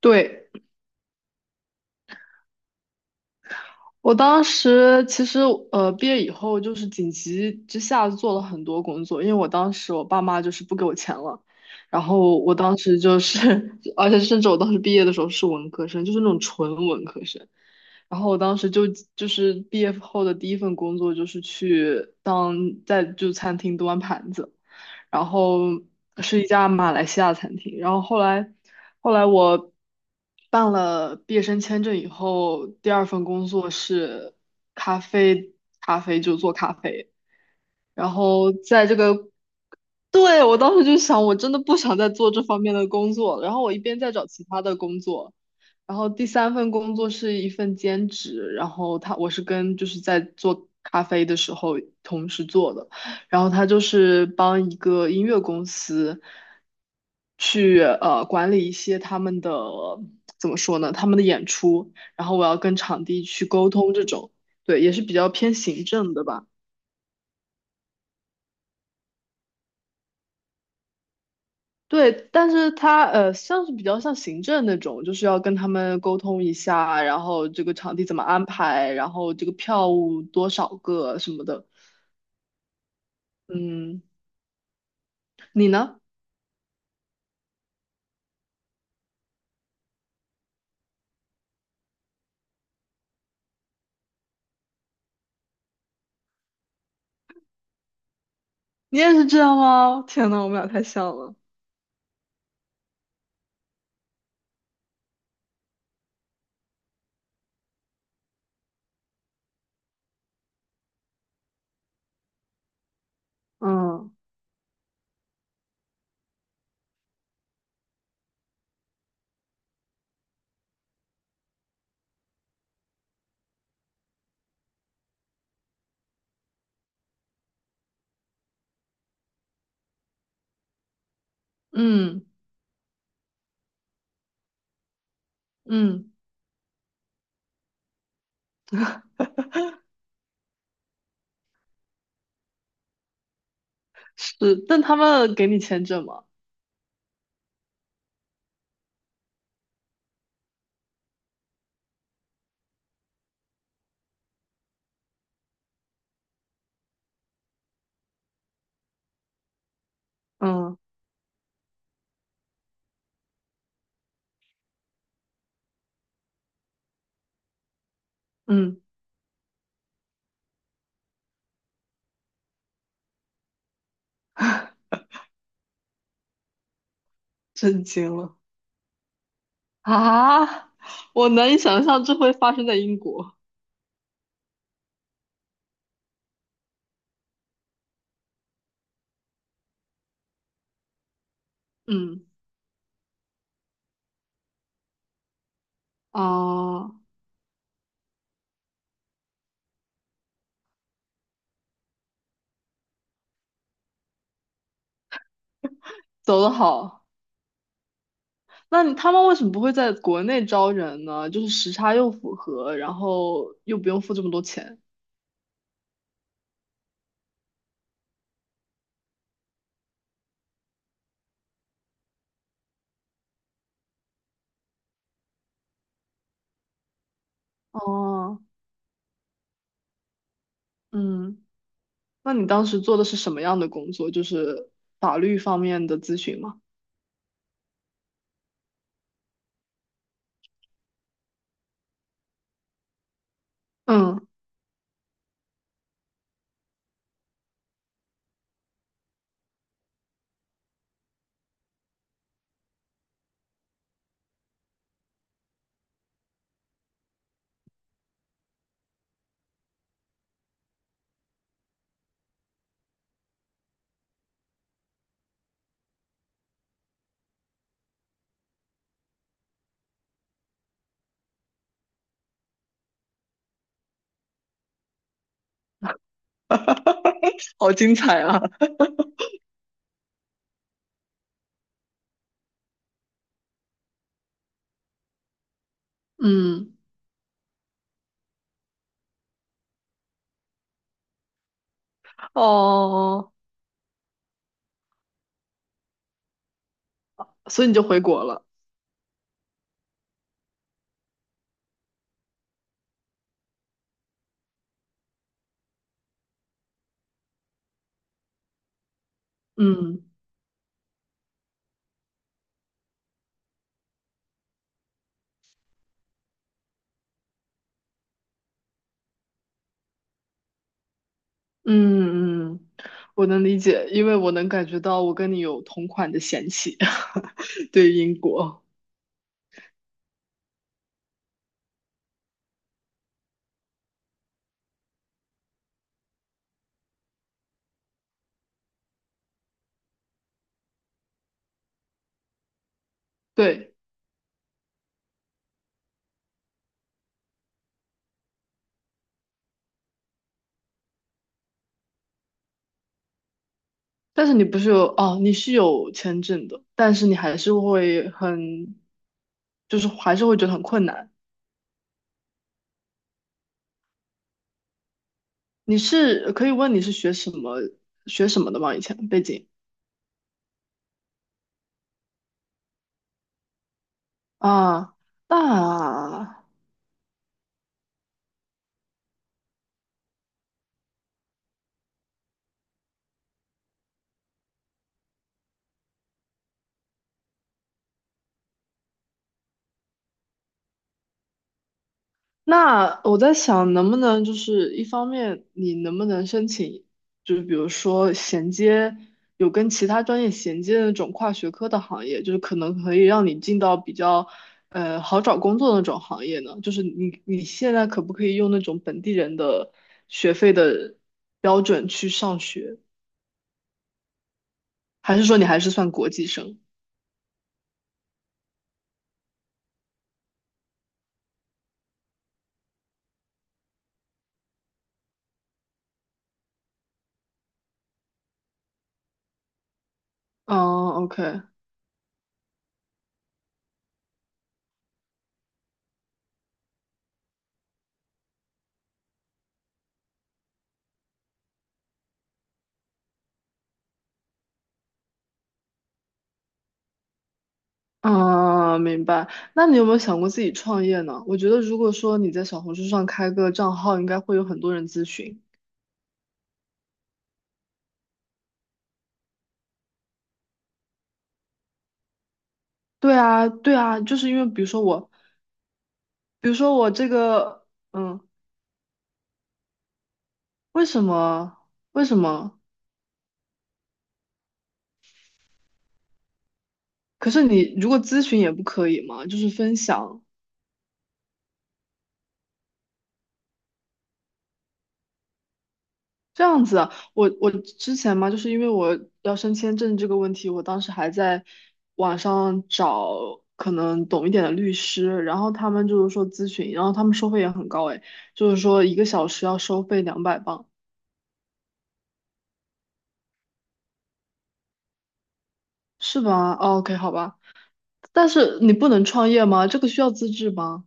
对，我当时其实毕业以后就是紧急之下做了很多工作，因为我当时我爸妈就是不给我钱了，然后我当时就是，而且甚至我当时毕业的时候是文科生，就是那种纯文科生，然后我当时就是毕业后的第一份工作就是在餐厅端盘子，然后是一家马来西亚餐厅。然后后来我办了毕业生签证以后，第二份工作是咖啡咖啡就做咖啡。然后在这个，对，我当时就想，我真的不想再做这方面的工作了。然后我一边在找其他的工作，然后第三份工作是一份兼职，然后我是跟在做咖啡的时候同时做的，然后他就是帮一个音乐公司去管理一些他们的怎么说呢，他们的演出，然后我要跟场地去沟通这种，对，也是比较偏行政的吧。对，但是他像是比较像行政那种，就是要跟他们沟通一下，然后这个场地怎么安排，然后这个票务多少个什么的。嗯，你呢？你也是这样吗？天呐，我们俩太像了。嗯嗯嗯，是，但他们给你签证吗？嗯嗯，震惊了啊！我难以想象这会发生在英国。嗯，啊，走得好。那他们为什么不会在国内招人呢？就是时差又符合，然后又不用付这么多钱。哦，嗯，那你当时做的是什么样的工作？就是法律方面的咨询吗？嗯 好精彩啊！嗯，哦哦，所以你就回国了。嗯嗯嗯，我能理解，因为我能感觉到我跟你有同款的嫌弃，对于英国。对。但是你不是有哦，你是有签证的，但是你还是会很，就是还是会觉得很困难。你是可以问你是学什么的吗？以前背景啊，那那我在想，能不能就是一方面，你能不能申请，就是比如说有跟其他专业衔接的那种跨学科的行业，就是可能可以让你进到比较好找工作的那种行业呢？就是你现在可不可以用那种本地人的学费的标准去上学，还是说你还是算国际生？嗯，OK，啊，明白。那你有没有想过自己创业呢？我觉得如果说你在小红书上开个账号，应该会有很多人咨询。对啊，对啊，就是因为比如说我，比如说我这个，嗯，为什么？为什么？可是你如果咨询也不可以吗？就是分享。这样子啊，我之前嘛，就是因为我要申签证这个问题，我当时还在网上找可能懂一点的律师，然后他们就是说咨询，然后他们收费也很高诶，就是说一个小时要收费200镑，是吧？o k 好吧。但是你不能创业吗？这个需要资质吗？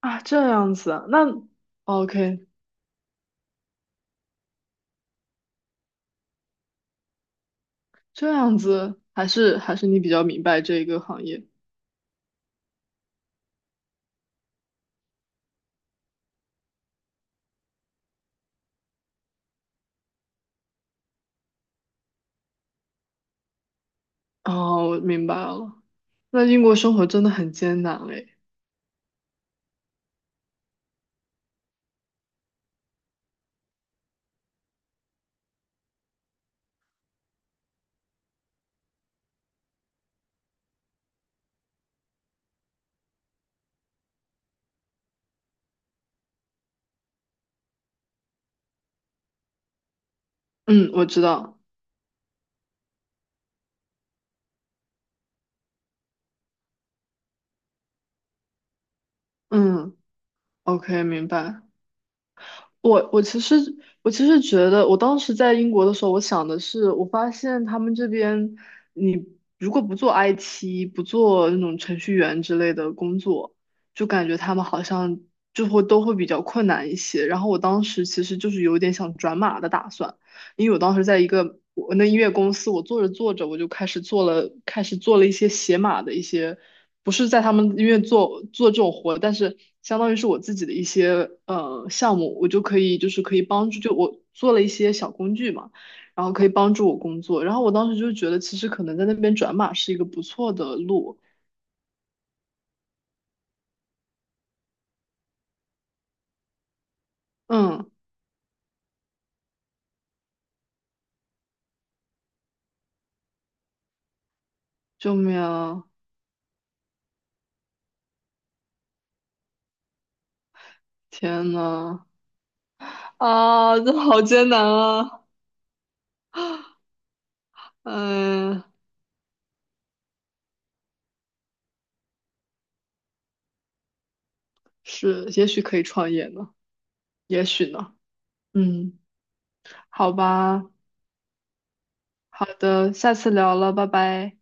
啊，这样子啊那 OK，这样子还是你比较明白这一个行业。哦，我明白了。那英国生活真的很艰难哎，嗯，我知道。嗯，OK，明白。我我其实我其实觉得，我当时在英国的时候，我想的是，我发现他们这边，你如果不做 IT，不做那种程序员之类的工作，就感觉他们好像就会都会比较困难一些。然后我当时其实就是有点想转码的打算，因为我当时在一个我那音乐公司，我做着做着，我就开始做了一些写码的一些。不是在他们医院做这种活，但是相当于是我自己的一些项目，我就可以就是可以帮助，就我做了一些小工具嘛，然后可以帮助我工作。然后我当时就觉得，其实可能在那边转码是一个不错的路。嗯，救命啊！天呐，啊，这好艰难啊！嗯，是，也许可以创业呢，也许呢。嗯，好吧，好的，下次聊了，拜拜。